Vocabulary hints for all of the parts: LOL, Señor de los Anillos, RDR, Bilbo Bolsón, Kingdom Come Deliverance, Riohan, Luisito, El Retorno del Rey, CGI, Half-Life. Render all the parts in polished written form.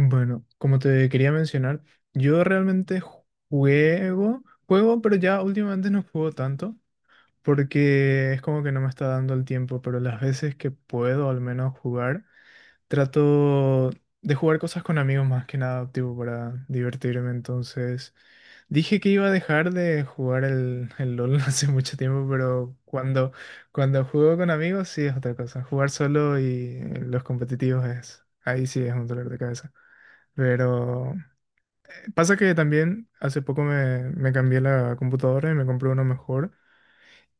Bueno, como te quería mencionar, yo realmente juego, juego, pero ya últimamente no juego tanto porque es como que no me está dando el tiempo, pero las veces que puedo al menos jugar, trato de jugar cosas con amigos más que nada, tipo para divertirme. Entonces, dije que iba a dejar de jugar el LOL hace mucho tiempo, pero cuando juego con amigos sí es otra cosa. Jugar solo y los competitivos, es, ahí sí es un dolor de cabeza. Pero pasa que también hace poco me cambié la computadora y me compré uno mejor.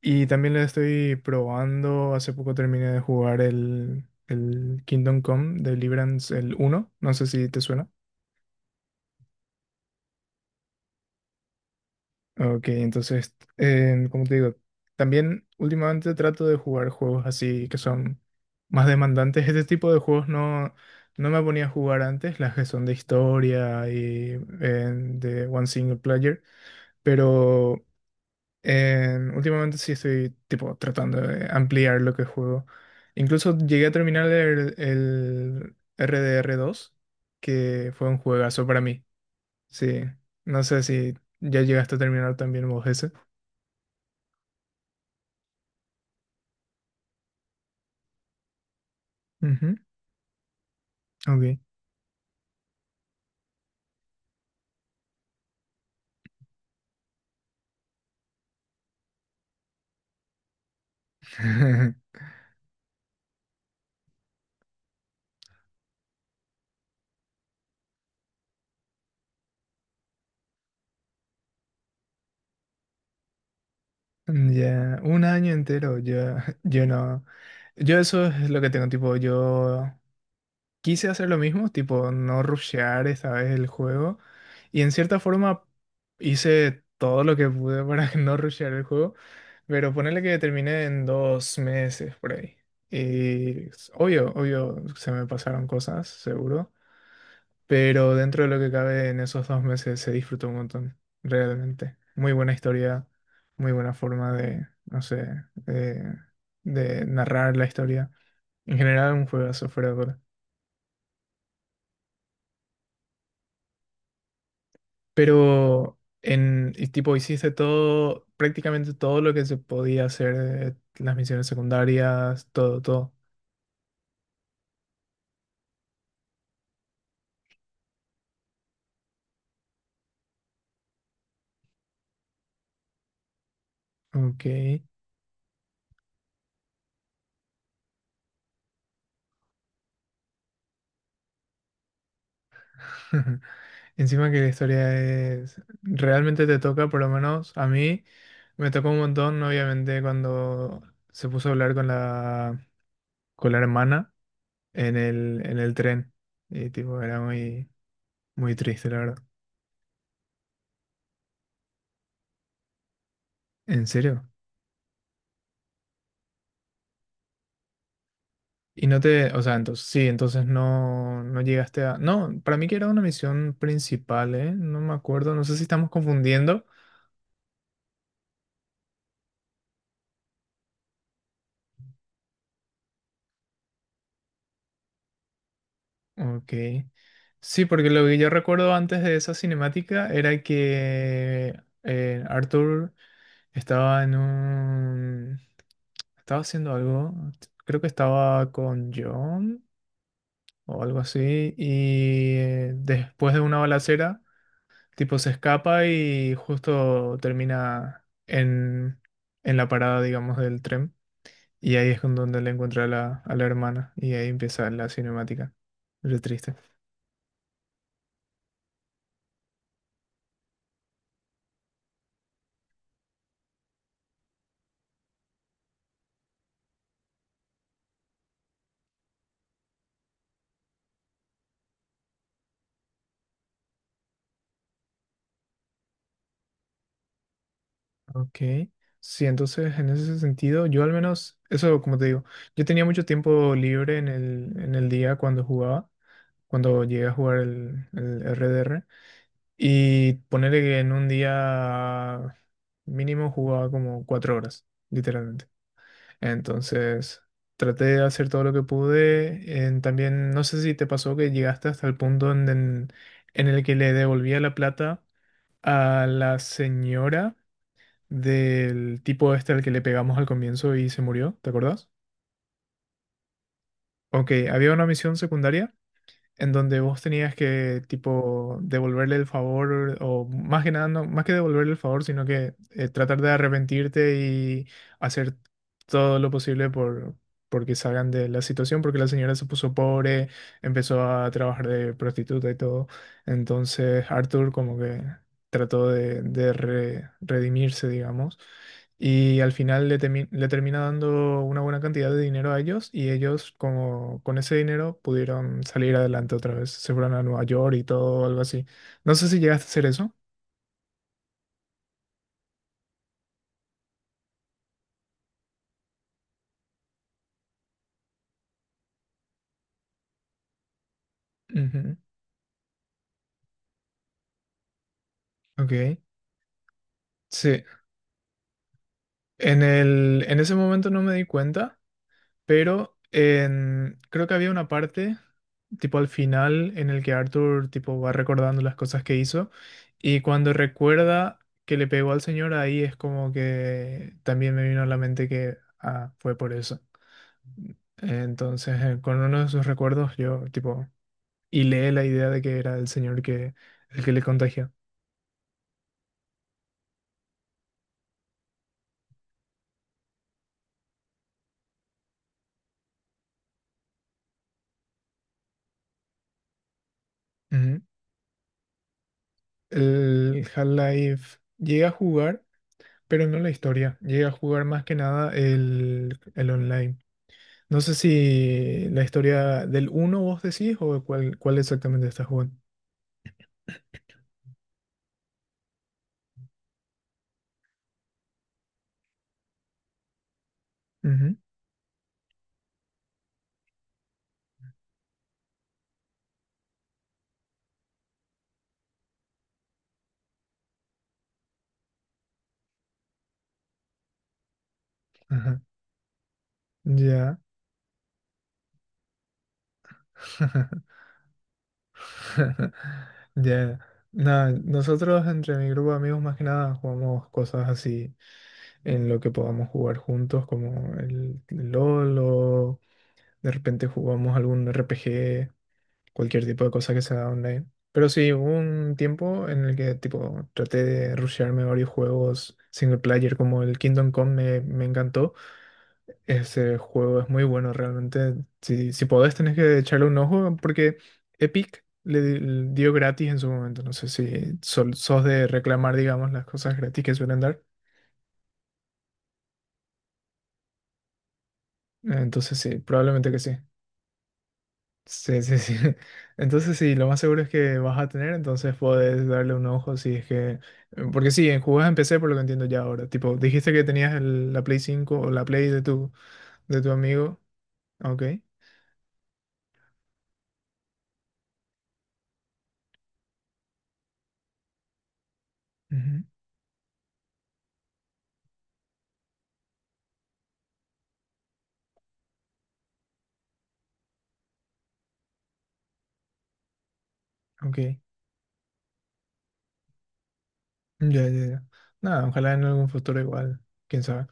Y también le estoy probando. Hace poco terminé de jugar el Kingdom Come Deliverance, el uno. No sé si te suena. Ok, entonces, como te digo, también últimamente trato de jugar juegos así que son más demandantes. Este tipo de juegos no, no me ponía a jugar antes, las que son de historia y de one single player. Pero últimamente sí estoy tipo tratando de ampliar lo que juego. Incluso llegué a terminar el RDR dos, que fue un juegazo para mí. Sí, no sé si ya llegaste a terminar también vos ese. Ujú. Ok. Ya, un año entero, yo, yo no. Yo eso es lo que tengo, tipo, yo quise hacer lo mismo, tipo no rushear esta vez el juego. Y en cierta forma hice todo lo que pude para no rushear el juego. Pero ponerle que terminé en 2 meses por ahí. Y obvio, obvio, se me pasaron cosas, seguro. Pero dentro de lo que cabe en esos 2 meses se disfrutó un montón, realmente. Muy buena historia, muy buena forma de, no sé, de, de narrar la historia. En general, un juegazo fuera de duda. Pero en y tipo hiciste todo, prácticamente todo lo que se podía hacer, las misiones secundarias, todo, todo. Ok. Encima que la historia, es, realmente te toca, por lo menos a mí, me tocó un montón, obviamente, cuando se puso a hablar con la, hermana en el tren. Y tipo, era muy, muy triste, la verdad. ¿En serio? Y no te, o sea, entonces, sí, entonces no, no llegaste a... No, para mí que era una misión principal, ¿eh? No me acuerdo, no sé si estamos confundiendo. Ok. Sí, porque lo que yo recuerdo antes de esa cinemática era que Arthur estaba en un... Estaba haciendo algo, creo que estaba con John o algo así, y después de una balacera... Tipo, se escapa y justo termina en la parada, digamos, del tren. Y ahí es con donde le encuentra a la hermana. Y ahí empieza la cinemática. Re triste. Ok. Sí, entonces en ese sentido, yo al menos, eso como te digo, yo tenía mucho tiempo libre en el día cuando jugaba, cuando llegué a jugar el RDR. Y ponerle que en un día mínimo jugaba como 4 horas, literalmente. Entonces, traté de hacer todo lo que pude. También, no sé si te pasó que llegaste hasta el punto en el que le devolvía la plata a la señora del tipo este al que le pegamos al comienzo y se murió, ¿te acordás? Ok, había una misión secundaria en donde vos tenías que, tipo, devolverle el favor, o más que nada, no, más que devolverle el favor, sino que tratar de arrepentirte y hacer todo lo posible porque salgan de la situación, porque la señora se puso pobre, empezó a trabajar de prostituta y todo. Entonces, Arthur como que trató de redimirse, digamos. Y al final le termina dando una buena cantidad de dinero a ellos y ellos como con ese dinero pudieron salir adelante otra vez. Se fueron a Nueva York y todo, algo así. No sé si llegaste a hacer eso. Ujú. Ok. Sí. En ese momento no me di cuenta. Pero creo que había una parte, tipo al final, en el que Arthur tipo va recordando las cosas que hizo. Y cuando recuerda que le pegó al señor, ahí es como que también me vino a la mente que ah, fue por eso. Entonces, con uno de sus recuerdos, yo tipo hilé la idea de que era el señor que el que le contagió. Ujú. El Half-Life llega a jugar, pero no la historia. Llega a jugar más que nada el online. No sé si la historia del 1 vos decís o cuál exactamente estás jugando. Ujú. Ajá. Ya. Ya. Nada, nosotros entre mi grupo de amigos más que nada jugamos cosas así en lo que podamos jugar juntos, como el LOL o de repente jugamos algún RPG. Cualquier tipo de cosa que sea online. Pero sí, hubo un tiempo en el que tipo traté de rushearme varios juegos single player, como el Kingdom Come me encantó. Ese juego es muy bueno realmente. Si podés tenés que echarle un ojo porque Epic le dio gratis en su momento. No sé si sos de reclamar, digamos, las cosas gratis que suelen dar. Entonces sí, probablemente que sí. Sí, sí, sí. Entonces sí, lo más seguro es que vas a tener, entonces puedes darle un ojo si es que... Porque sí, en jugás en PC por lo que entiendo ya ahora. Tipo, dijiste que tenías la Play 5 o la Play de tu amigo. Ok. Ujú. Ok. Ya, ya, ya. Nada, ojalá en algún futuro igual. Quién sabe.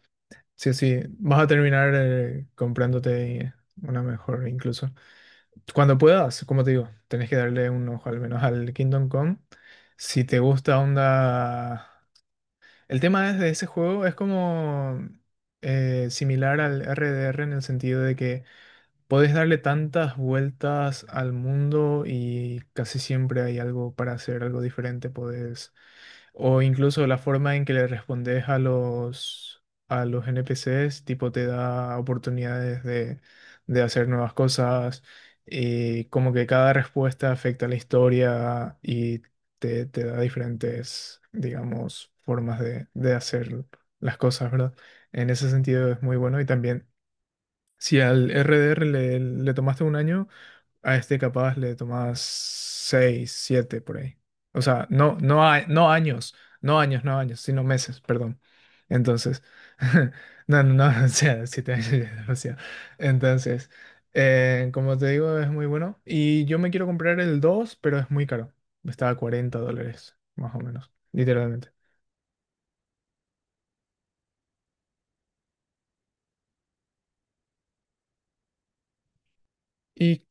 Sí, sí, vas a terminar comprándote una mejor incluso. Cuando puedas, como te digo, tenés que darle un ojo al menos al Kingdom Come. Si te gusta onda... El tema es de ese juego es como similar al RDR en el sentido de que podés darle tantas vueltas al mundo y casi siempre hay algo para hacer, algo diferente. Podés o incluso la forma en que le respondes a los NPCs, tipo te da oportunidades de hacer nuevas cosas, y como que cada respuesta afecta a la historia y te da diferentes, digamos, formas de hacer las cosas, ¿verdad? En ese sentido es muy bueno y también si al RDR le tomaste un año, a este capaz le tomas seis, siete por ahí. O sea, no, no, no años, no años, no años, sino meses, perdón. Entonces, no, no, no, o sea, 7 años ya es demasiado. Entonces, como te digo, es muy bueno. Y yo me quiero comprar el 2 pero es muy caro. Está a $40, más o menos, literalmente. Y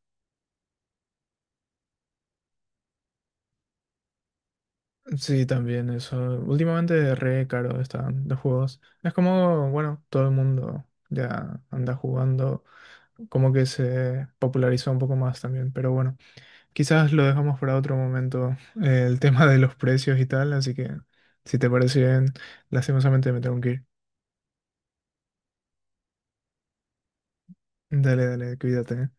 sí, también eso. Últimamente re caro están los juegos. Es como, bueno, todo el mundo ya anda jugando, como que se popularizó un poco más también. Pero bueno, quizás lo dejamos para otro momento, el tema de los precios y tal. Así que, si te parece bien, lastimosamente me tengo que ir. Dale, dale, cuídate. ¿Eh?